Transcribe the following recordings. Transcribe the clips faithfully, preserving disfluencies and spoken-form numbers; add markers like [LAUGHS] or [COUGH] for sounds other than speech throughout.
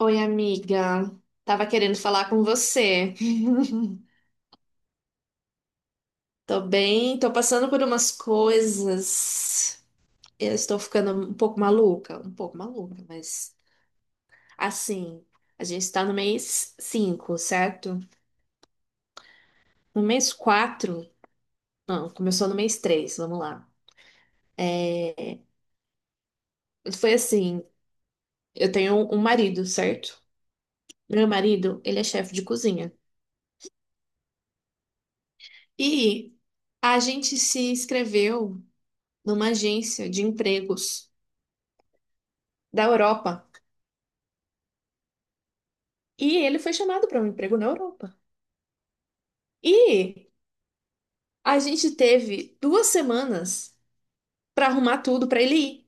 Oi, amiga. Tava querendo falar com você. [LAUGHS] Tô bem, tô passando por umas coisas. Eu estou ficando um pouco maluca, um pouco maluca, mas assim, a gente tá no mês cinco, certo? No mês quatro? Não, começou no mês três. Vamos lá. Foi assim, eu tenho um marido, certo? Meu marido, ele é chefe de cozinha. E a gente se inscreveu numa agência de empregos da Europa. E ele foi chamado para um emprego na Europa. E a gente teve duas semanas para arrumar tudo para ele ir.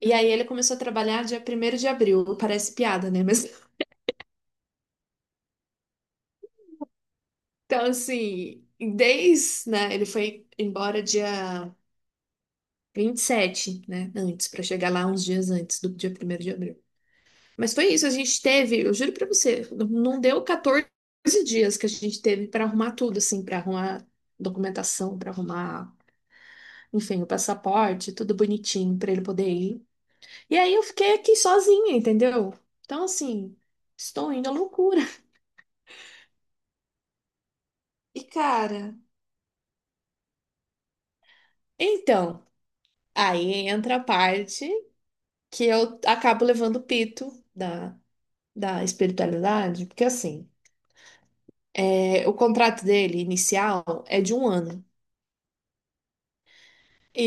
E aí ele começou a trabalhar dia primeiro de abril. Parece piada, né? Mas [LAUGHS] então assim, desde, né, ele foi embora dia vinte e sete, né, antes para chegar lá uns dias antes do dia primeiro de abril. Mas foi isso, a gente teve, eu juro para você, não deu quatorze dias que a gente teve para arrumar tudo assim, para arrumar documentação, para arrumar enfim, o passaporte, tudo bonitinho pra ele poder ir. E aí eu fiquei aqui sozinha, entendeu? Então, assim, estou indo à loucura. [LAUGHS] E cara, então, aí entra a parte que eu acabo levando o pito da, da espiritualidade, porque assim, é, o contrato dele inicial é de um ano.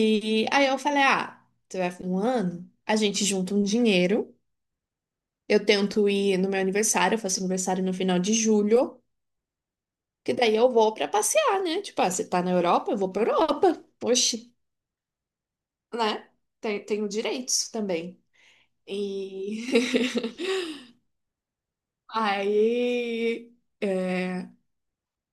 E aí eu falei, ah, você vai um ano, a gente junta um dinheiro, eu tento ir no meu aniversário, eu faço aniversário no final de julho, que daí eu vou pra passear, né? Tipo, ah, você tá na Europa, eu vou pra Europa. Oxe, né? Tem- Tenho direitos também. E [LAUGHS] aí é,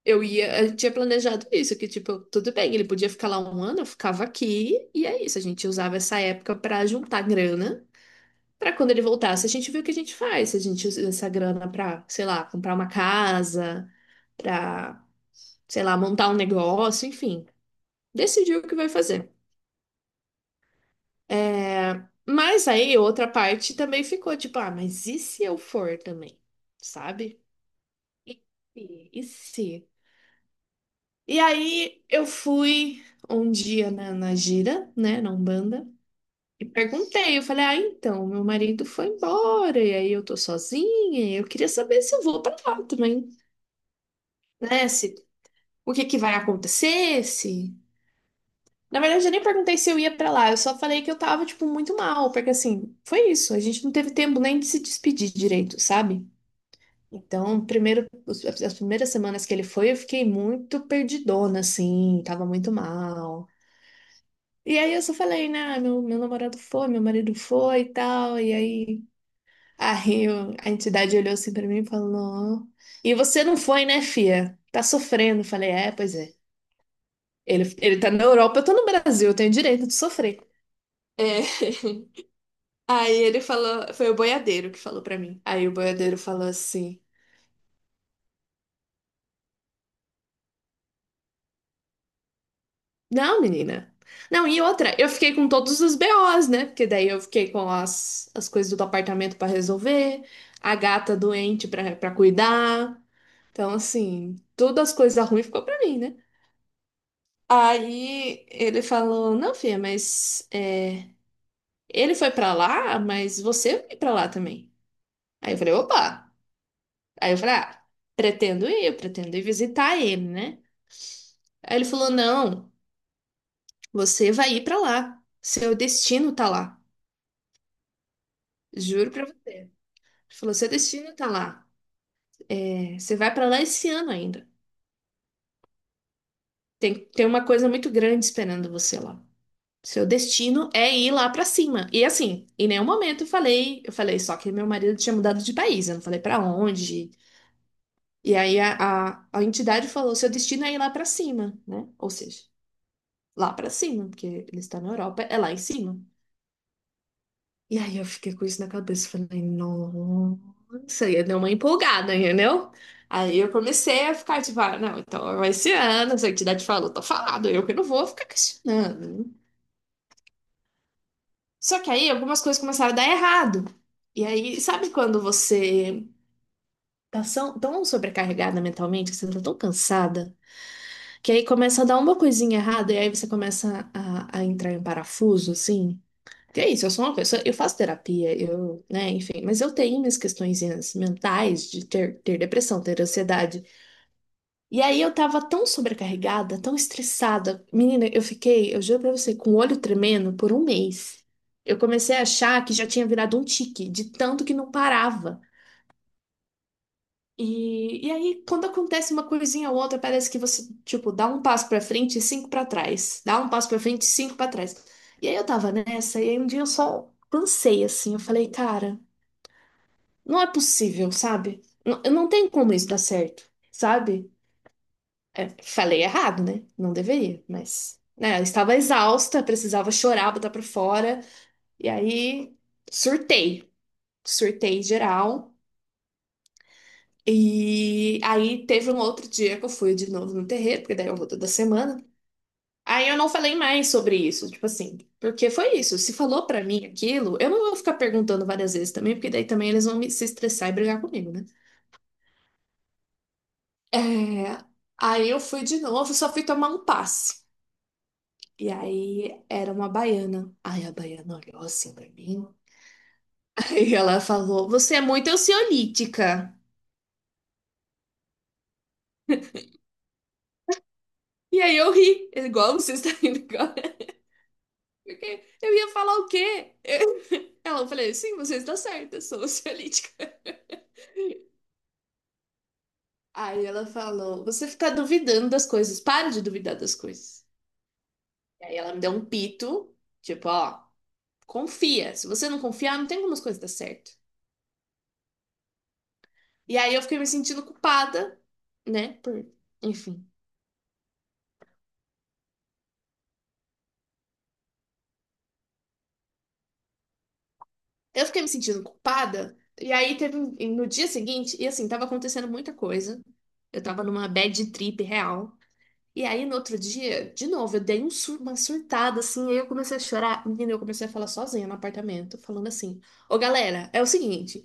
eu ia, a gente tinha planejado isso, que tipo, tudo bem, ele podia ficar lá um ano, eu ficava aqui, e é isso, a gente usava essa época pra juntar grana, pra quando ele voltasse, a gente viu o que a gente faz, se a gente usa essa grana pra, sei lá, comprar uma casa, pra, sei lá, montar um negócio, enfim, decidiu o que vai fazer. Mas aí outra parte também ficou tipo, ah, mas e se eu for também? Sabe? E se? E se? E aí eu fui um dia na, na gira, né, na Umbanda, e perguntei, eu falei, ah, então, meu marido foi embora, e aí eu tô sozinha, e eu queria saber se eu vou pra lá também, né? Se, o que que vai acontecer, se... Na verdade, eu nem perguntei se eu ia pra lá, eu só falei que eu tava, tipo, muito mal, porque assim, foi isso, a gente não teve tempo nem de se despedir direito, sabe? Então, primeiro, os- as as primeiras semanas que ele foi, eu fiquei muito perdidona, assim, tava muito mal. E aí eu só falei, né, meu, meu namorado foi, meu marido foi e tal. E aí, aí o- a entidade olhou assim pra mim e falou: "Não. E você não foi, né, fia? Tá sofrendo." Eu falei, é, pois é. Ele, ele tá na Europa, eu tô no Brasil, eu tenho direito de sofrer. É. [LAUGHS] Aí ele falou, foi o boiadeiro que falou pra mim. Aí o boiadeiro falou assim. Não, menina. Não, e outra, eu fiquei com todos os B Os, né? Porque daí eu fiquei com as, as coisas do apartamento pra resolver, a gata doente pra para cuidar. Então, assim, todas as coisas ruins ficou pra mim, né? Aí ele falou: "Não, filha, mas é, ele foi pra lá, mas você vai pra lá também." Aí eu falei: "Opa!" Aí eu falei: "Ah, pretendo ir, eu pretendo ir visitar ele, né?" Aí ele falou: "Não, você vai ir pra lá. Seu destino tá lá." Juro pra você. Ele falou, seu destino tá lá. É, você vai pra lá esse ano ainda. Tem, tem uma coisa muito grande esperando você lá. Seu destino é ir lá pra cima. E assim, em nenhum momento eu falei, eu falei só que meu marido tinha mudado de país, eu não falei pra onde. E aí a, a, a entidade falou, seu destino é ir lá pra cima, né? Ou seja, lá pra cima, porque ele está na Europa, é lá em cima. E aí eu fiquei com isso na cabeça, falei, nossa, ia dar uma empolgada, entendeu? Aí eu comecei a ficar tipo, ah, não, então vai esse ano, se a entidade falou, tá falado, eu que não vou ficar questionando, né? Só que aí algumas coisas começaram a dar errado. E aí, sabe quando você tá são- tão sobrecarregada mentalmente, que você tá tão cansada, que aí começa a dar uma coisinha errada, e aí você começa a, a entrar em parafuso, assim? Que é isso, eu sou uma pessoa, eu faço terapia, eu, né, enfim, mas eu tenho minhas questões mentais de ter, ter depressão, ter ansiedade. E aí eu tava tão sobrecarregada, tão estressada. Menina, eu fiquei, eu juro pra você, com o olho tremendo por um mês. Eu comecei a achar que já tinha virado um tique, de tanto que não parava. E, e aí, quando acontece uma coisinha ou outra, parece que você, tipo, dá um passo pra frente e cinco pra trás. Dá um passo pra frente e cinco pra trás. E aí eu tava nessa, e aí um dia eu só cansei, assim. Eu falei, cara. Não é possível, sabe? Não, eu não tenho como isso dar certo, sabe? É, falei errado, né? Não deveria, mas, né, eu estava exausta, precisava chorar, botar pra fora. E aí, surtei. Surtei geral. E aí, teve um outro dia que eu fui de novo no terreiro, porque daí eu vou toda semana. Aí eu não falei mais sobre isso, tipo assim, porque foi isso. Se falou pra mim aquilo, eu não vou ficar perguntando várias vezes também, porque daí também eles vão me- se estressar e brigar comigo, né? É, aí eu fui de novo, só fui tomar um passe. E aí era uma baiana. Aí a baiana olhou assim pra mim. [LAUGHS] Aí ela falou: "Você é muito ansiolítica." E aí eu ri, igual você está [LAUGHS] rindo agora. Porque eu ia falar o quê? [LAUGHS] Ela eu falei: "Sim, você está certa, eu sou ansiolítica." [LAUGHS] Aí ela falou: "Você fica duvidando das coisas, para de duvidar das coisas." E aí ela me deu um pito, tipo: "Ó, confia. Se você não confiar, não tem como as coisas dar certo." E aí eu fiquei me sentindo culpada, né? Por... Enfim. Eu fiquei me sentindo culpada. E aí teve um- e no dia seguinte, e assim, tava acontecendo muita coisa. Eu tava numa bad trip real. E aí no outro dia, de novo, eu dei um sur- uma surtada assim, aí eu comecei a chorar. Menina, eu comecei a falar sozinha no apartamento, falando assim: "Ô galera, é o seguinte,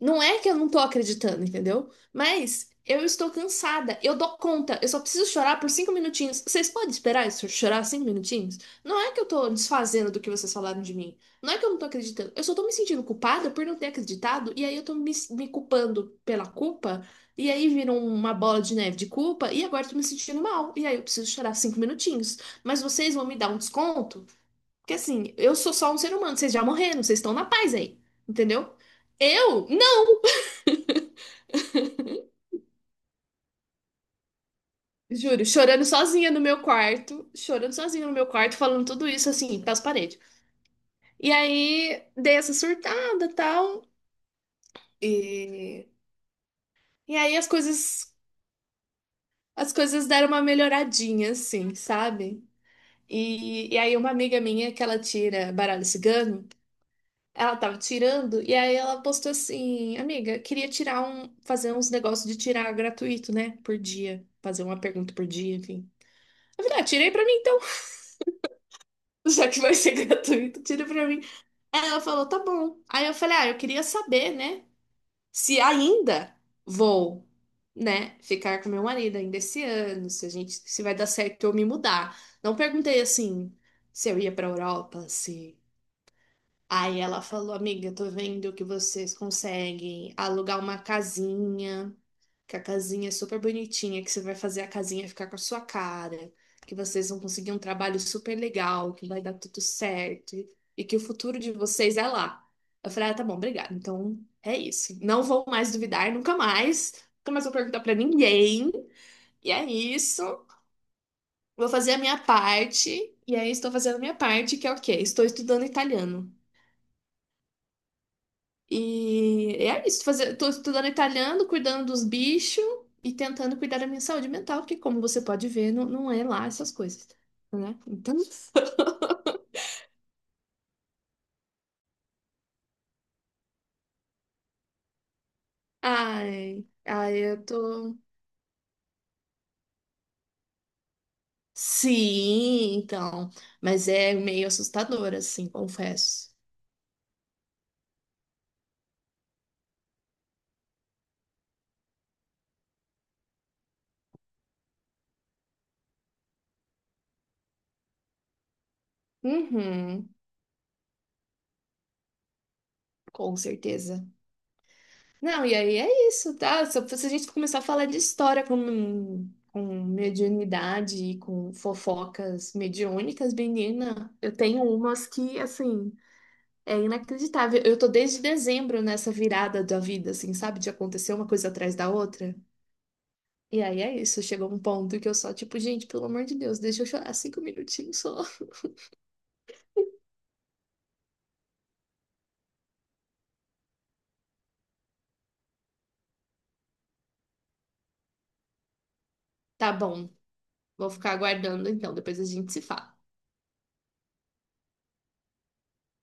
não é que eu não tô acreditando, entendeu? Mas eu estou cansada, eu dou conta, eu só preciso chorar por cinco minutinhos. Vocês podem esperar isso, chorar cinco minutinhos? Não é que eu tô desfazendo do que vocês falaram de mim. Não é que eu não tô acreditando. Eu só tô me sentindo culpada por não ter acreditado, e aí eu tô me, me culpando pela culpa, e aí vira uma bola de neve de culpa, e agora eu tô me sentindo mal, e aí eu preciso chorar cinco minutinhos. Mas vocês vão me dar um desconto? Porque assim, eu sou só um ser humano, vocês já morreram, vocês estão na paz aí, entendeu? Eu?" Juro, chorando sozinha no meu quarto, chorando sozinha no meu quarto, falando tudo isso assim, pras paredes. E aí dei essa surtada, tal, e e aí as coisas as coisas deram uma melhoradinha assim, sabe? E, e aí uma amiga minha que ela tira baralho cigano, ela tava tirando e aí ela postou assim: "Amiga, queria tirar um fazer uns negócios de tirar gratuito, né, por dia, fazer uma pergunta por dia, enfim." Eu falei: "Ah, tirei pra mim então, [LAUGHS] já que vai ser [LAUGHS] gratuito, tira pra mim." Ela falou, tá bom. Aí eu falei, ah, eu queria saber, né? Se ainda vou, né, ficar com meu marido ainda esse ano, se a gente, se vai dar certo eu me mudar. Não perguntei assim se eu ia pra Europa, se. Aí ela falou, amiga, tô vendo que vocês conseguem alugar uma casinha, que a casinha é super bonitinha, que você vai fazer a casinha ficar com a sua cara, que vocês vão conseguir um trabalho super legal, que vai dar tudo certo e que o futuro de vocês é lá. Eu falei, ah, tá bom, obrigada. Então é isso. Não vou mais duvidar, nunca mais. Nunca mais vou perguntar pra ninguém. E é isso. Vou fazer a minha parte. E aí estou fazendo a minha parte, que é o quê? Estou estudando italiano. E é isso, fazer, tô estudando italiano, cuidando dos bichos e tentando cuidar da minha saúde mental, porque como você pode ver, não, não é lá essas coisas, né? Então, [LAUGHS] ai, ai, eu tô. Sim, então, mas é meio assustador, assim, confesso. Uhum, com certeza. Não, e aí é isso, tá? Se, se a gente começar a falar de história com, com mediunidade e com fofocas mediúnicas, menina, eu tenho umas que, assim, é inacreditável. Eu tô desde dezembro nessa virada da vida, assim, sabe? De acontecer uma coisa atrás da outra. E aí é isso, chegou um ponto que eu só, tipo, gente, pelo amor de Deus, deixa eu chorar cinco minutinhos só. Tá bom, vou ficar aguardando então, depois a gente se fala.